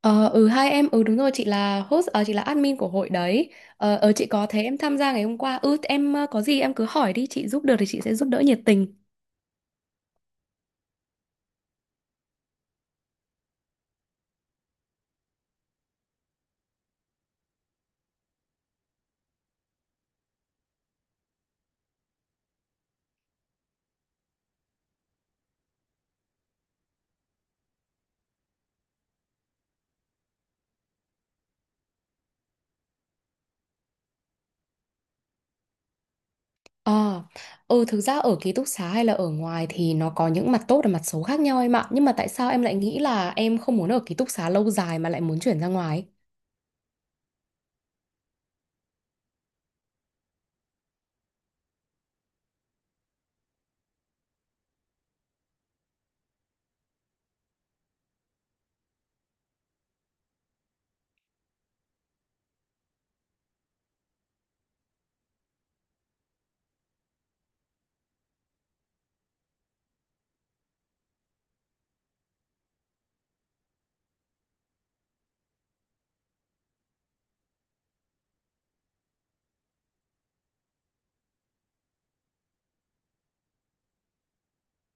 Ờ, ừ hai em ừ đúng rồi, chị là host, chị là admin của hội đấy. Chị có thế em tham gia ngày hôm qua. Có gì em cứ hỏi đi, chị giúp được thì chị sẽ giúp đỡ nhiệt tình. ờ ừ, thực ra ở ký túc xá hay là ở ngoài thì nó có những mặt tốt và mặt xấu khác nhau em ạ, nhưng mà tại sao em lại nghĩ là em không muốn ở ký túc xá lâu dài mà lại muốn chuyển ra ngoài?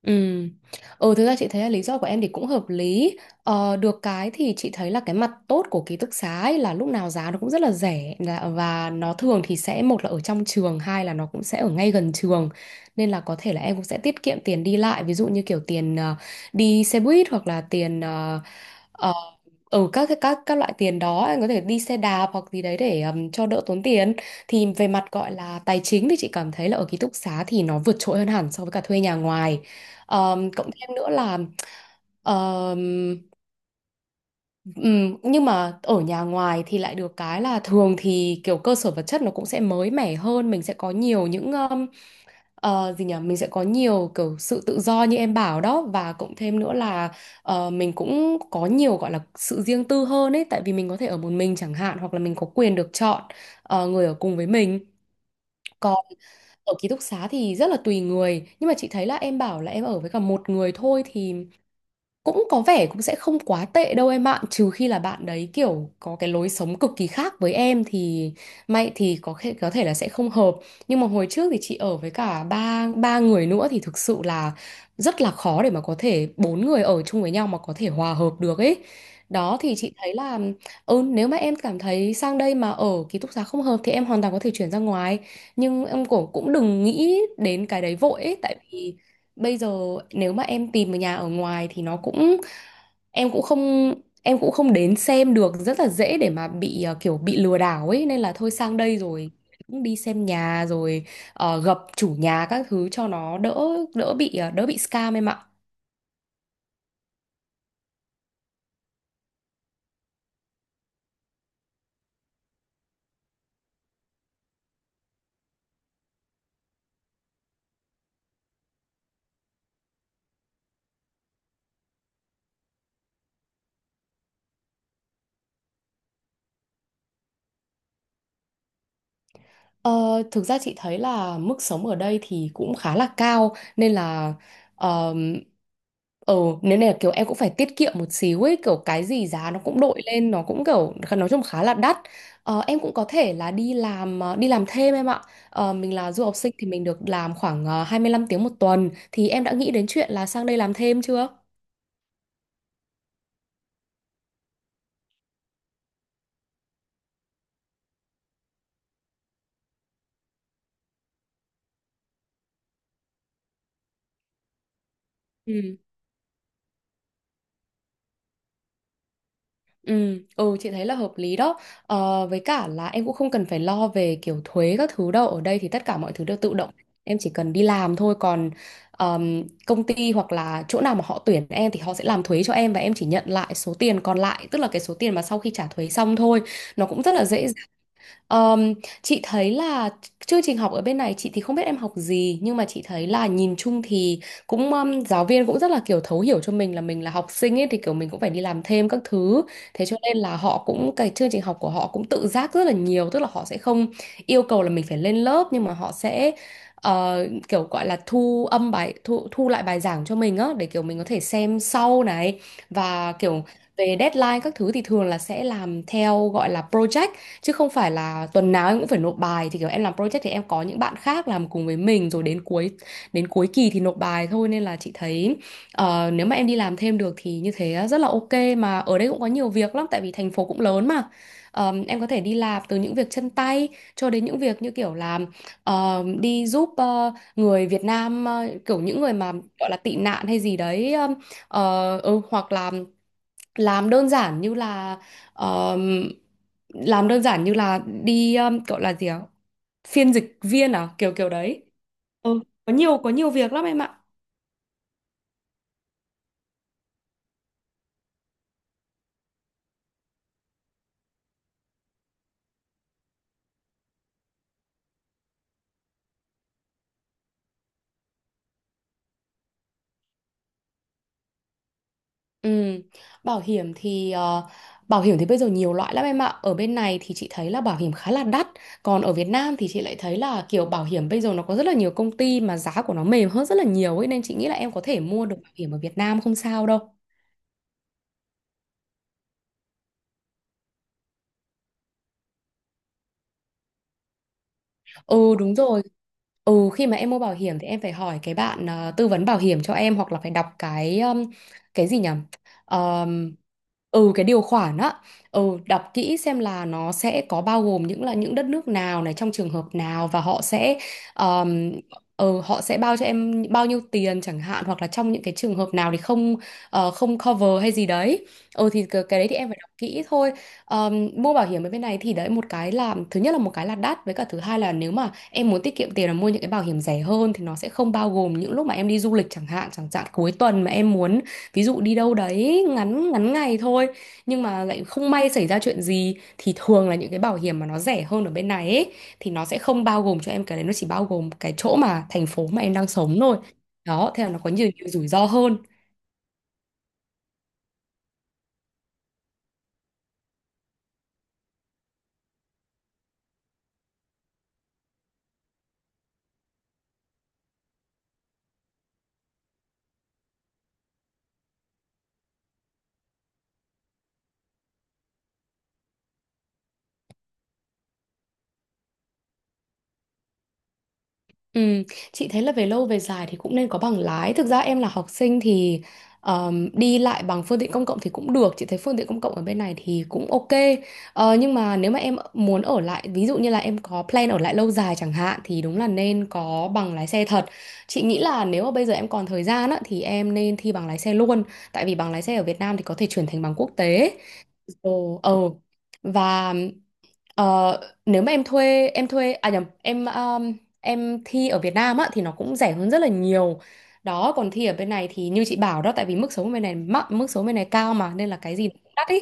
Ừ. Ừ, thực ra chị thấy là lý do của em thì cũng hợp lý. Ờ, được cái thì chị thấy là cái mặt tốt của ký túc xá ấy là lúc nào giá nó cũng rất là rẻ và nó thường thì sẽ một là ở trong trường, hai là nó cũng sẽ ở ngay gần trường. Nên là có thể là em cũng sẽ tiết kiệm tiền đi lại, ví dụ như kiểu tiền đi xe buýt hoặc là tiền Ờ, các cái các loại tiền đó, anh có thể đi xe đạp hoặc gì đấy để cho đỡ tốn tiền. Thì về mặt gọi là tài chính thì chị cảm thấy là ở ký túc xá thì nó vượt trội hơn hẳn so với cả thuê nhà ngoài. Cộng thêm nữa là ờm, nhưng mà ở nhà ngoài thì lại được cái là thường thì kiểu cơ sở vật chất nó cũng sẽ mới mẻ hơn, mình sẽ có nhiều những— Ờ, gì nhỉ mình sẽ có nhiều kiểu sự tự do như em bảo đó, và cộng thêm nữa là mình cũng có nhiều gọi là sự riêng tư hơn ấy, tại vì mình có thể ở một mình chẳng hạn, hoặc là mình có quyền được chọn người ở cùng với mình. Còn ở ký túc xá thì rất là tùy người, nhưng mà chị thấy là em bảo là em ở với cả một người thôi thì cũng có vẻ cũng sẽ không quá tệ đâu em ạ, trừ khi là bạn đấy kiểu có cái lối sống cực kỳ khác với em thì may thì có thể là sẽ không hợp. Nhưng mà hồi trước thì chị ở với cả ba ba người nữa thì thực sự là rất là khó để mà có thể bốn người ở chung với nhau mà có thể hòa hợp được ấy. Đó thì chị thấy là ừ, nếu mà em cảm thấy sang đây mà ở ký túc xá không hợp thì em hoàn toàn có thể chuyển ra ngoài, nhưng em cũng cũng đừng nghĩ đến cái đấy vội ấy, tại vì bây giờ nếu mà em tìm một nhà ở ngoài thì nó cũng— em cũng không em cũng không đến xem được, rất là dễ để mà bị kiểu bị lừa đảo ấy, nên là thôi sang đây rồi cũng đi xem nhà rồi, gặp chủ nhà các thứ cho nó đỡ đỡ bị, đỡ bị scam em ạ. Ờ, thực ra chị thấy là mức sống ở đây thì cũng khá là cao nên là ờm, ờ nếu này là kiểu em cũng phải tiết kiệm một xíu ấy, kiểu cái gì giá nó cũng đội lên, nó cũng kiểu nói chung khá là đắt. Ờ, em cũng có thể là đi làm, đi làm thêm em ạ. Ờ, mình là du học sinh thì mình được làm khoảng 25 tiếng một tuần, thì em đã nghĩ đến chuyện là sang đây làm thêm chưa? Ừ. Ừ, ừ chị thấy là hợp lý đó. Với cả là em cũng không cần phải lo về kiểu thuế các thứ đâu, ở đây thì tất cả mọi thứ đều tự động, em chỉ cần đi làm thôi. Còn công ty hoặc là chỗ nào mà họ tuyển em thì họ sẽ làm thuế cho em, và em chỉ nhận lại số tiền còn lại, tức là cái số tiền mà sau khi trả thuế xong thôi. Nó cũng rất là dễ. Ờm, chị thấy là chương trình học ở bên này, chị thì không biết em học gì, nhưng mà chị thấy là nhìn chung thì cũng giáo viên cũng rất là kiểu thấu hiểu cho mình là học sinh ấy, thì kiểu mình cũng phải đi làm thêm các thứ. Thế cho nên là họ cũng— cái chương trình học của họ cũng tự giác rất là nhiều, tức là họ sẽ không yêu cầu là mình phải lên lớp, nhưng mà họ sẽ ờ, kiểu gọi là thu âm bài, thu thu lại bài giảng cho mình á, để kiểu mình có thể xem sau này. Và kiểu về deadline các thứ thì thường là sẽ làm theo gọi là project, chứ không phải là tuần nào em cũng phải nộp bài. Thì kiểu em làm project thì em có những bạn khác làm cùng với mình, rồi đến cuối kỳ thì nộp bài thôi. Nên là chị thấy nếu mà em đi làm thêm được thì như thế rất là ok. Mà ở đây cũng có nhiều việc lắm tại vì thành phố cũng lớn mà. Ờ, em có thể đi làm từ những việc chân tay cho đến những việc như kiểu làm, đi giúp người Việt Nam, kiểu những người mà gọi là tị nạn hay gì đấy, hoặc là làm đơn giản như là— ờm, làm đơn giản như là đi, gọi là gì ạ, phiên dịch viên à, kiểu kiểu đấy. Ừ, có nhiều việc lắm em ạ. Ừ. Bảo hiểm thì bây giờ nhiều loại lắm em ạ, ở bên này thì chị thấy là bảo hiểm khá là đắt. Còn ở Việt Nam thì chị lại thấy là kiểu bảo hiểm bây giờ nó có rất là nhiều công ty mà giá của nó mềm hơn rất là nhiều ấy, nên chị nghĩ là em có thể mua được bảo hiểm ở Việt Nam không sao đâu. Ừ, đúng rồi. Ừ, khi mà em mua bảo hiểm thì em phải hỏi cái bạn tư vấn bảo hiểm cho em, hoặc là phải đọc cái, cái gì nhỉ? Ờm, ừ, cái điều khoản á. Ừ, đọc kỹ xem là nó sẽ có bao gồm những— là những đất nước nào này, trong trường hợp nào, và họ sẽ um, ừ, họ sẽ bao cho em bao nhiêu tiền chẳng hạn, hoặc là trong những cái trường hợp nào thì không, không cover hay gì đấy. Ừ, thì cái đấy thì em phải đọc kỹ thôi. Mua bảo hiểm ở bên này thì đấy, một cái là thứ nhất là— một cái là đắt, với cả thứ hai là nếu mà em muốn tiết kiệm tiền là mua những cái bảo hiểm rẻ hơn, thì nó sẽ không bao gồm những lúc mà em đi du lịch chẳng hạn, chẳng hạn cuối tuần mà em muốn ví dụ đi đâu đấy ngắn ngắn ngày thôi, nhưng mà lại không may xảy ra chuyện gì, thì thường là những cái bảo hiểm mà nó rẻ hơn ở bên này ấy, thì nó sẽ không bao gồm cho em cái đấy, nó chỉ bao gồm cái chỗ mà thành phố mà em đang sống thôi. Đó, thế là nó có nhiều, nhiều rủi ro hơn. Ừ, chị thấy là về lâu về dài thì cũng nên có bằng lái. Thực ra em là học sinh thì đi lại bằng phương tiện công cộng thì cũng được. Chị thấy phương tiện công cộng ở bên này thì cũng ok. Ờ, nhưng mà nếu mà em muốn ở lại, ví dụ như là em có plan ở lại lâu dài chẳng hạn, thì đúng là nên có bằng lái xe thật. Chị nghĩ là nếu mà bây giờ em còn thời gian á, thì em nên thi bằng lái xe luôn. Tại vì bằng lái xe ở Việt Nam thì có thể chuyển thành bằng quốc tế. Ồ, ờ. Và— Ờ, nếu mà em thuê à nhầm em thi ở Việt Nam á thì nó cũng rẻ hơn rất là nhiều. Đó, còn thi ở bên này thì như chị bảo đó, tại vì mức sống bên này cao mà, nên là cái gì cũng đắt ý.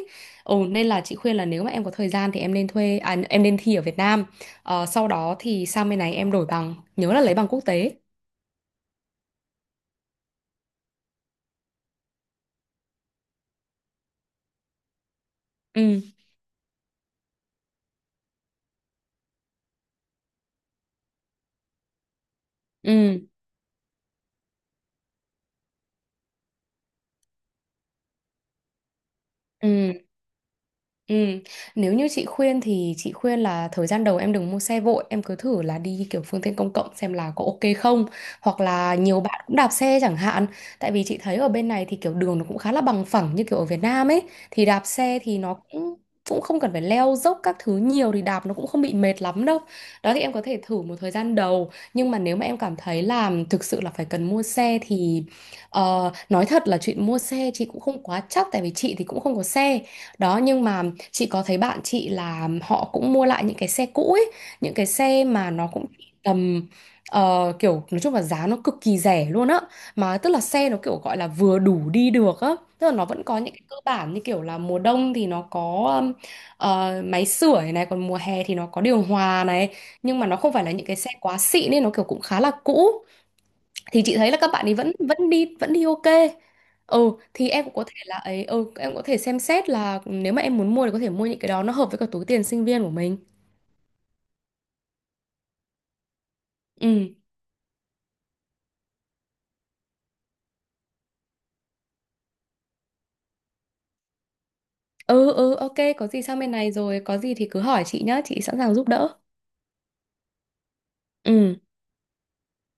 Ừ, nên là chị khuyên là nếu mà em có thời gian thì em nên thi ở Việt Nam. Ờ, sau đó thì sang bên này em đổi bằng, nhớ là lấy bằng quốc tế. ừ ừ ừ Ừ. Nếu như chị khuyên thì chị khuyên là thời gian đầu em đừng mua xe vội, em cứ thử là đi kiểu phương tiện công cộng xem là có ok không, hoặc là nhiều bạn cũng đạp xe chẳng hạn. Tại vì chị thấy ở bên này thì kiểu đường nó cũng khá là bằng phẳng như kiểu ở Việt Nam ấy, thì đạp xe thì nó cũng cũng không cần phải leo dốc các thứ nhiều, thì đạp nó cũng không bị mệt lắm đâu. Đó, thì em có thể thử một thời gian đầu, nhưng mà nếu mà em cảm thấy là thực sự là phải cần mua xe thì nói thật là chuyện mua xe chị cũng không quá chắc, tại vì chị thì cũng không có xe. Đó, nhưng mà chị có thấy bạn chị là họ cũng mua lại những cái xe cũ ấy, những cái xe mà nó cũng chỉ tầm kiểu nói chung là giá nó cực kỳ rẻ luôn á. Mà tức là xe nó kiểu gọi là vừa đủ đi được á. Tức là nó vẫn có những cái cơ bản như kiểu là mùa đông thì nó có um, máy sưởi này, còn mùa hè thì nó có điều hòa này, nhưng mà nó không phải là những cái xe quá xịn, nên nó kiểu cũng khá là cũ. Thì chị thấy là các bạn ấy vẫn vẫn đi ok. Ừ, thì em cũng có thể là ấy, ừ em cũng có thể xem xét là ừ, nếu mà em muốn mua thì có thể mua những cái đó nó hợp với cả túi tiền sinh viên của mình. Ừ. Ừ, ok, có gì sang bên này rồi có gì thì cứ hỏi chị nhá, chị sẵn sàng giúp đỡ. Ừ.